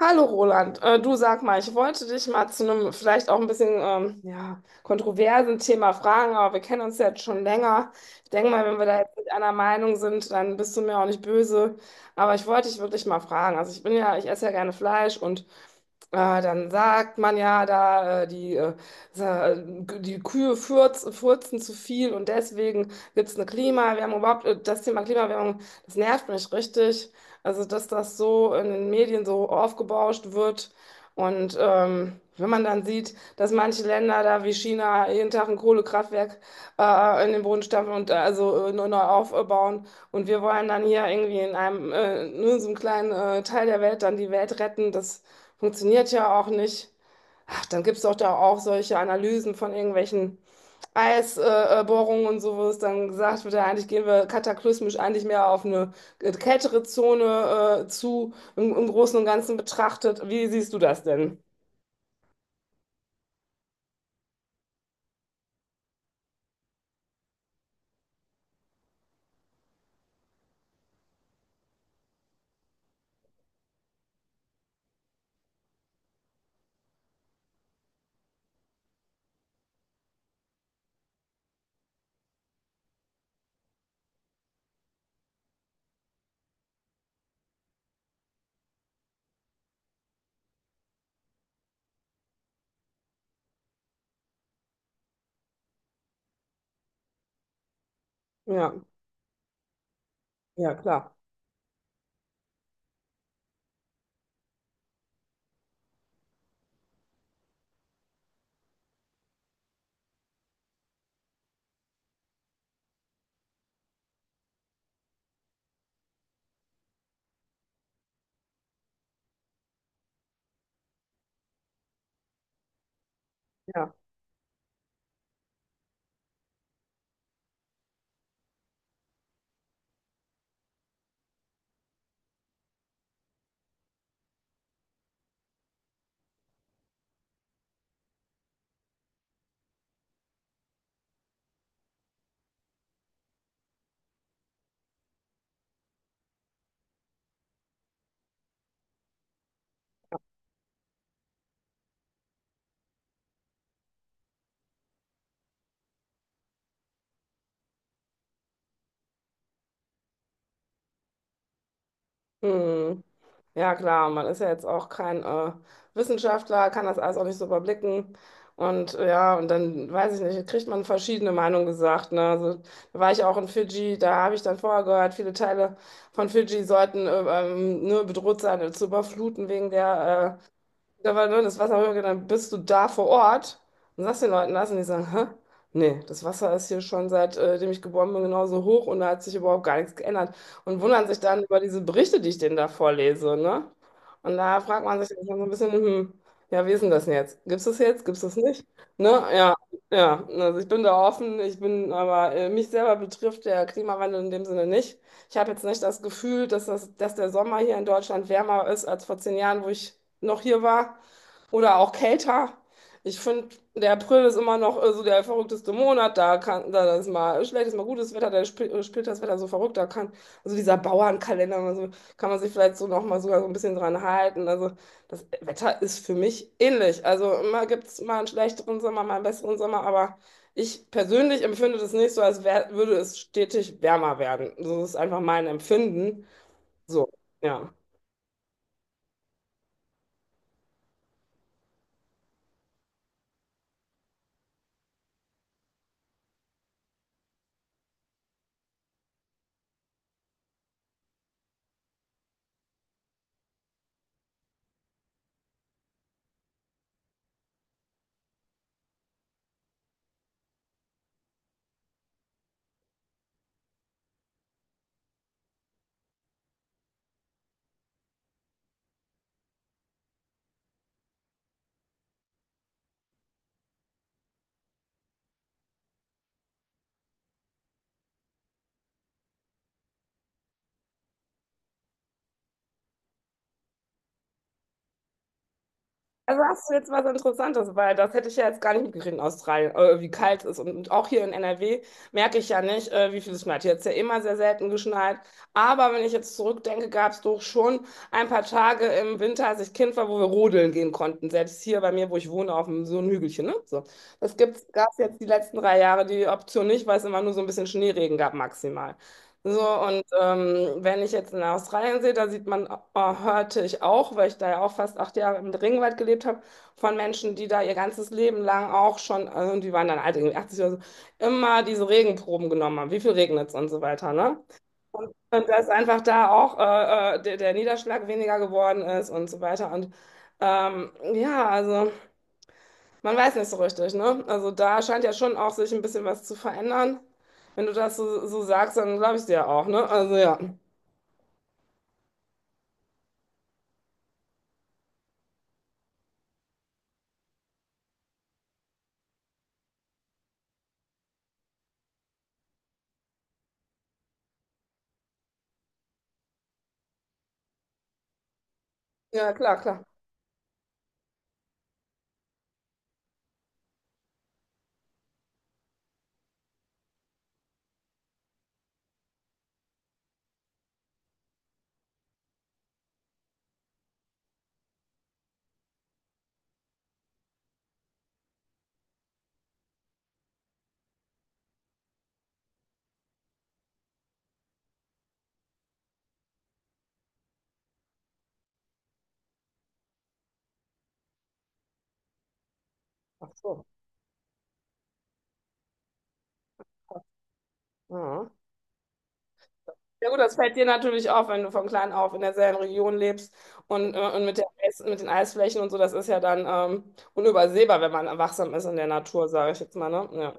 Hallo Roland, du sag mal, ich wollte dich mal zu einem vielleicht auch ein bisschen ja, kontroversen Thema fragen, aber wir kennen uns ja jetzt schon länger. Ich denke mal, wenn wir da jetzt nicht einer Meinung sind, dann bist du mir auch nicht böse. Aber ich wollte dich wirklich mal fragen. Also ich bin ja, ich esse ja gerne Fleisch und dann sagt man ja da, die, sa- äh, die Kühe furzen zu viel und deswegen gibt es eine Klimawärmung. Überhaupt, das Thema Klimawärmung, das nervt mich richtig. Also, dass das so in den Medien so aufgebauscht wird. Und wenn man dann sieht, dass manche Länder da wie China jeden Tag ein Kohlekraftwerk in den Boden stampfen und nur neu aufbauen. Und wir wollen dann hier irgendwie in einem, nur in so einem kleinen Teil der Welt dann die Welt retten. Das funktioniert ja auch nicht. Ach, dann gibt es doch da auch solche Analysen von irgendwelchen Eisbohrungen Bohrungen und so, wo es dann gesagt wird, ja, eigentlich gehen wir kataklysmisch eigentlich mehr auf eine kältere Zone zu, im Großen und Ganzen betrachtet. Wie siehst du das denn? Ja, ja, klar. Ja. Hm. Ja, klar, man ist ja jetzt auch kein Wissenschaftler, kann das alles auch nicht so überblicken. Und ja, und dann weiß ich nicht, kriegt man verschiedene Meinungen gesagt. Ne? Also, da war ich auch in Fidschi, da habe ich dann vorher gehört, viele Teile von Fidschi sollten nur bedroht sein, zu überfluten wegen der da war nur das Wasser hoch und dann bist du da vor Ort und sagst den Leuten das und die sagen, hä? Nee, das Wasser ist hier schon seitdem ich geboren bin genauso hoch und da hat sich überhaupt gar nichts geändert. Und wundern sich dann über diese Berichte, die ich denen da vorlese, ne? Und da fragt man sich dann so ein bisschen, ja, wie ist denn das denn jetzt? Gibt's das jetzt? Gibt's das nicht? Ne? Ja, ja. Also ich bin da offen, ich bin, aber mich selber betrifft der Klimawandel in dem Sinne nicht. Ich habe jetzt nicht das Gefühl, dass das, dass der Sommer hier in Deutschland wärmer ist als vor 10 Jahren, wo ich noch hier war. Oder auch kälter. Ich finde, der April ist immer noch so der verrückteste Monat. Da kann, da ist mal schlechtes, mal gutes Wetter, spielt das Wetter so verrückt. Da kann, also dieser Bauernkalender, also kann man sich vielleicht so nochmal sogar so ein bisschen dran halten. Also das Wetter ist für mich ähnlich. Also immer gibt es mal einen schlechteren Sommer, mal einen besseren Sommer, aber ich persönlich empfinde das nicht so, würde es stetig wärmer werden. So ist einfach mein Empfinden. So, ja. Also hast du jetzt was Interessantes, weil das hätte ich ja jetzt gar nicht mitgekriegt in Australien, wie kalt es ist. Und auch hier in NRW merke ich ja nicht, wie viel es schneit. Hier hat es ja immer sehr selten geschneit. Aber wenn ich jetzt zurückdenke, gab es doch schon ein paar Tage im Winter, als ich Kind war, wo wir rodeln gehen konnten. Selbst hier bei mir, wo ich wohne, auf dem, so einem Hügelchen. Ne? So. Das gab es jetzt die letzten 3 Jahre die Option nicht, weil es immer nur so ein bisschen Schneeregen gab maximal. So, und wenn ich jetzt in Australien sehe, da sieht man, hörte ich auch, weil ich da ja auch fast 8 Jahre im Regenwald gelebt habe, von Menschen, die da ihr ganzes Leben lang auch schon, also die waren dann alt, irgendwie 80 oder so, immer diese Regenproben genommen haben, wie viel regnet es und so weiter, ne? Und dass einfach da auch der Niederschlag weniger geworden ist und so weiter. Und ja, also. Man weiß nicht so richtig, ne? Also da scheint ja schon auch sich ein bisschen was zu verändern. Wenn du das so, so sagst, dann glaube ich dir auch, ne? Also ja. Ja, klar, klar. Ach so. Ja. Ja gut, das fällt dir natürlich auf, wenn du von klein auf in derselben Region lebst und mit mit den Eisflächen und so, das ist ja dann unübersehbar, wenn man wachsam ist in der Natur, sage ich jetzt mal, ne? Ja.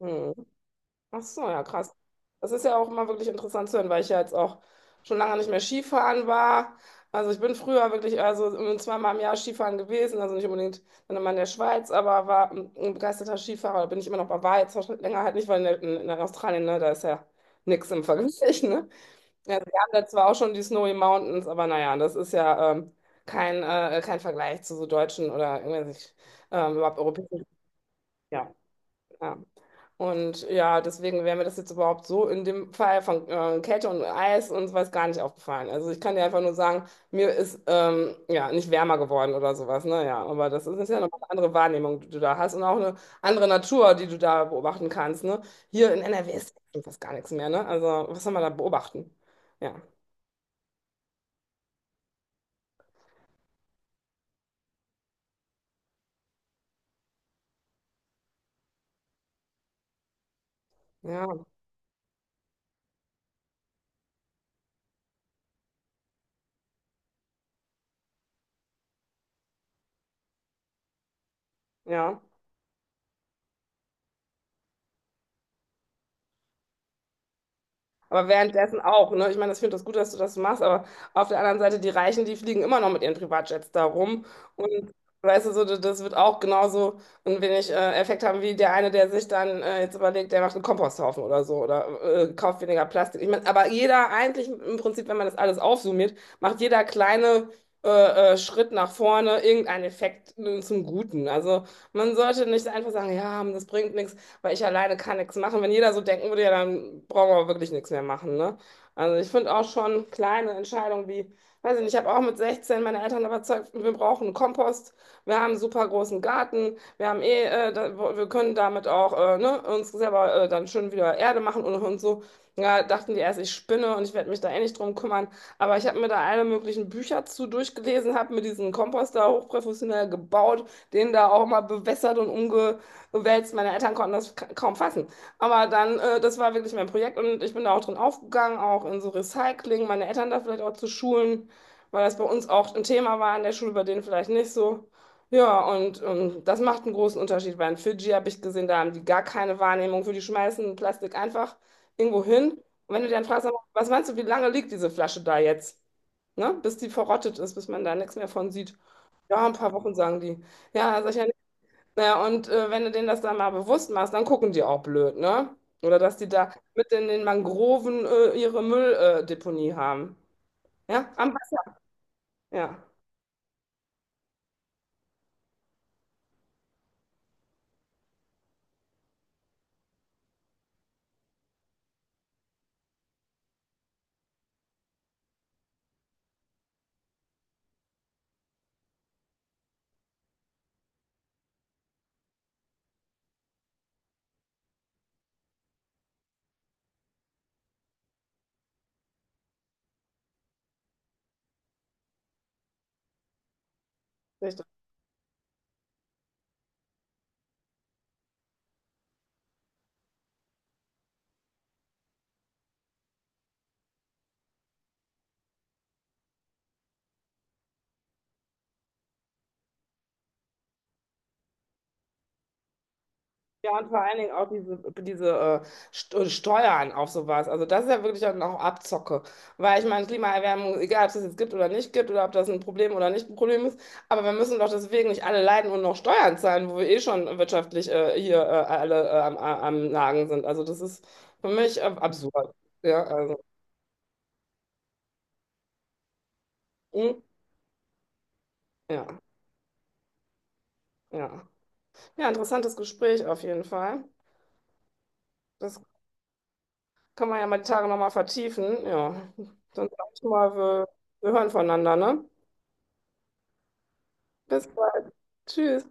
Hm. Ach so, ja, krass. Das ist ja auch immer wirklich interessant zu hören, weil ich ja jetzt auch schon lange nicht mehr Skifahren war. Also ich bin früher wirklich also zweimal im Jahr Skifahren gewesen, also nicht unbedingt dann immer in der Schweiz, aber war ein begeisterter Skifahrer, bin ich immer noch, aber war jetzt auch schon länger halt nicht, weil in, der, in Australien, ne, da ist ja nichts im Vergleich, ne? Ja, wir haben da zwar auch schon die Snowy Mountains, aber naja, das ist ja kein, kein Vergleich zu so deutschen oder irgendwelchen überhaupt europäischen. Ja. Ja. Und ja, deswegen wäre mir das jetzt überhaupt so in dem Fall von Kälte und Eis und weiß gar nicht aufgefallen. Also ich kann dir einfach nur sagen, mir ist ja nicht wärmer geworden oder sowas. Naja, aber das ist ja nochmal eine andere Wahrnehmung, die du da hast und auch eine andere Natur, die du da beobachten kannst. Ne? Hier in NRW ist fast gar nichts mehr. Ne? Also was soll man da beobachten? Ja, ja, ja. Aber währenddessen auch, ne? Ich meine, das- ich finde das gut, dass du das machst, aber auf der anderen Seite, die Reichen, die fliegen immer noch mit ihren Privatjets da rum. Und weißt du, so, das wird auch genauso ein wenig Effekt haben wie der eine, der sich dann jetzt überlegt, der macht einen Komposthaufen oder so oder kauft weniger Plastik. Ich meine, aber jeder eigentlich im Prinzip, wenn man das alles aufsummiert, macht jeder kleine Schritt nach vorne irgendeinen Effekt zum Guten. Also man sollte nicht einfach sagen, ja, das bringt nichts, weil ich alleine kann nichts machen. Wenn jeder so denken würde, ja, dann brauchen wir wirklich nichts mehr machen, ne? Also ich finde auch schon kleine Entscheidungen wie, weiß ich nicht, ich habe auch mit 16 meine Eltern überzeugt, wir brauchen einen Kompost, wir haben einen super großen Garten, wir haben eh, da, wir können damit auch ne, uns selber dann schön wieder Erde machen und so. Ja, dachten die erst, ich spinne und ich werde mich da eh nicht drum kümmern. Aber ich habe mir da alle möglichen Bücher zu durchgelesen, habe mir diesen Kompost da hochprofessionell gebaut, den da auch mal bewässert und umge wälzt. Meine Eltern konnten das kaum fassen. Aber dann, das war wirklich mein Projekt und ich bin da auch drin aufgegangen, auch in so Recycling, meine Eltern da vielleicht auch zu schulen, weil das bei uns auch ein Thema war in der Schule, bei denen vielleicht nicht so. Ja, und das macht einen großen Unterschied, weil in Fidschi habe ich gesehen, da haben die gar keine Wahrnehmung für, die schmeißen Plastik einfach irgendwo hin. Und wenn du dann fragst, sag mal, was meinst du, wie lange liegt diese Flasche da jetzt? Ne? Bis die verrottet ist, bis man da nichts mehr von sieht. Ja, ein paar Wochen, sagen die. Ja, sag ich ja, ja, und wenn du denen das dann mal bewusst machst, dann gucken die auch blöd, ne? Oder dass die da mit in den Mangroven ihre Mülldeponie Deponie haben. Ja, am Wasser. Ja, richtig. Ja, und vor allen Dingen auch diese äh, Steuern auf sowas. Also das ist ja wirklich dann auch Abzocke. Weil ich meine, Klimaerwärmung, egal ob es das jetzt gibt oder nicht gibt oder ob das ein Problem oder nicht ein Problem ist, aber wir müssen doch deswegen nicht alle leiden und noch Steuern zahlen, wo wir eh schon wirtschaftlich am Nagen sind. Also das ist für mich absurd. Ja, also, mm, ja, ja. Ja, interessantes Gespräch auf jeden Fall. Das kann man ja mal die Tage nochmal vertiefen. Ja, dann sag ich mal, wir hören voneinander, ne? Bis bald. Tschüss.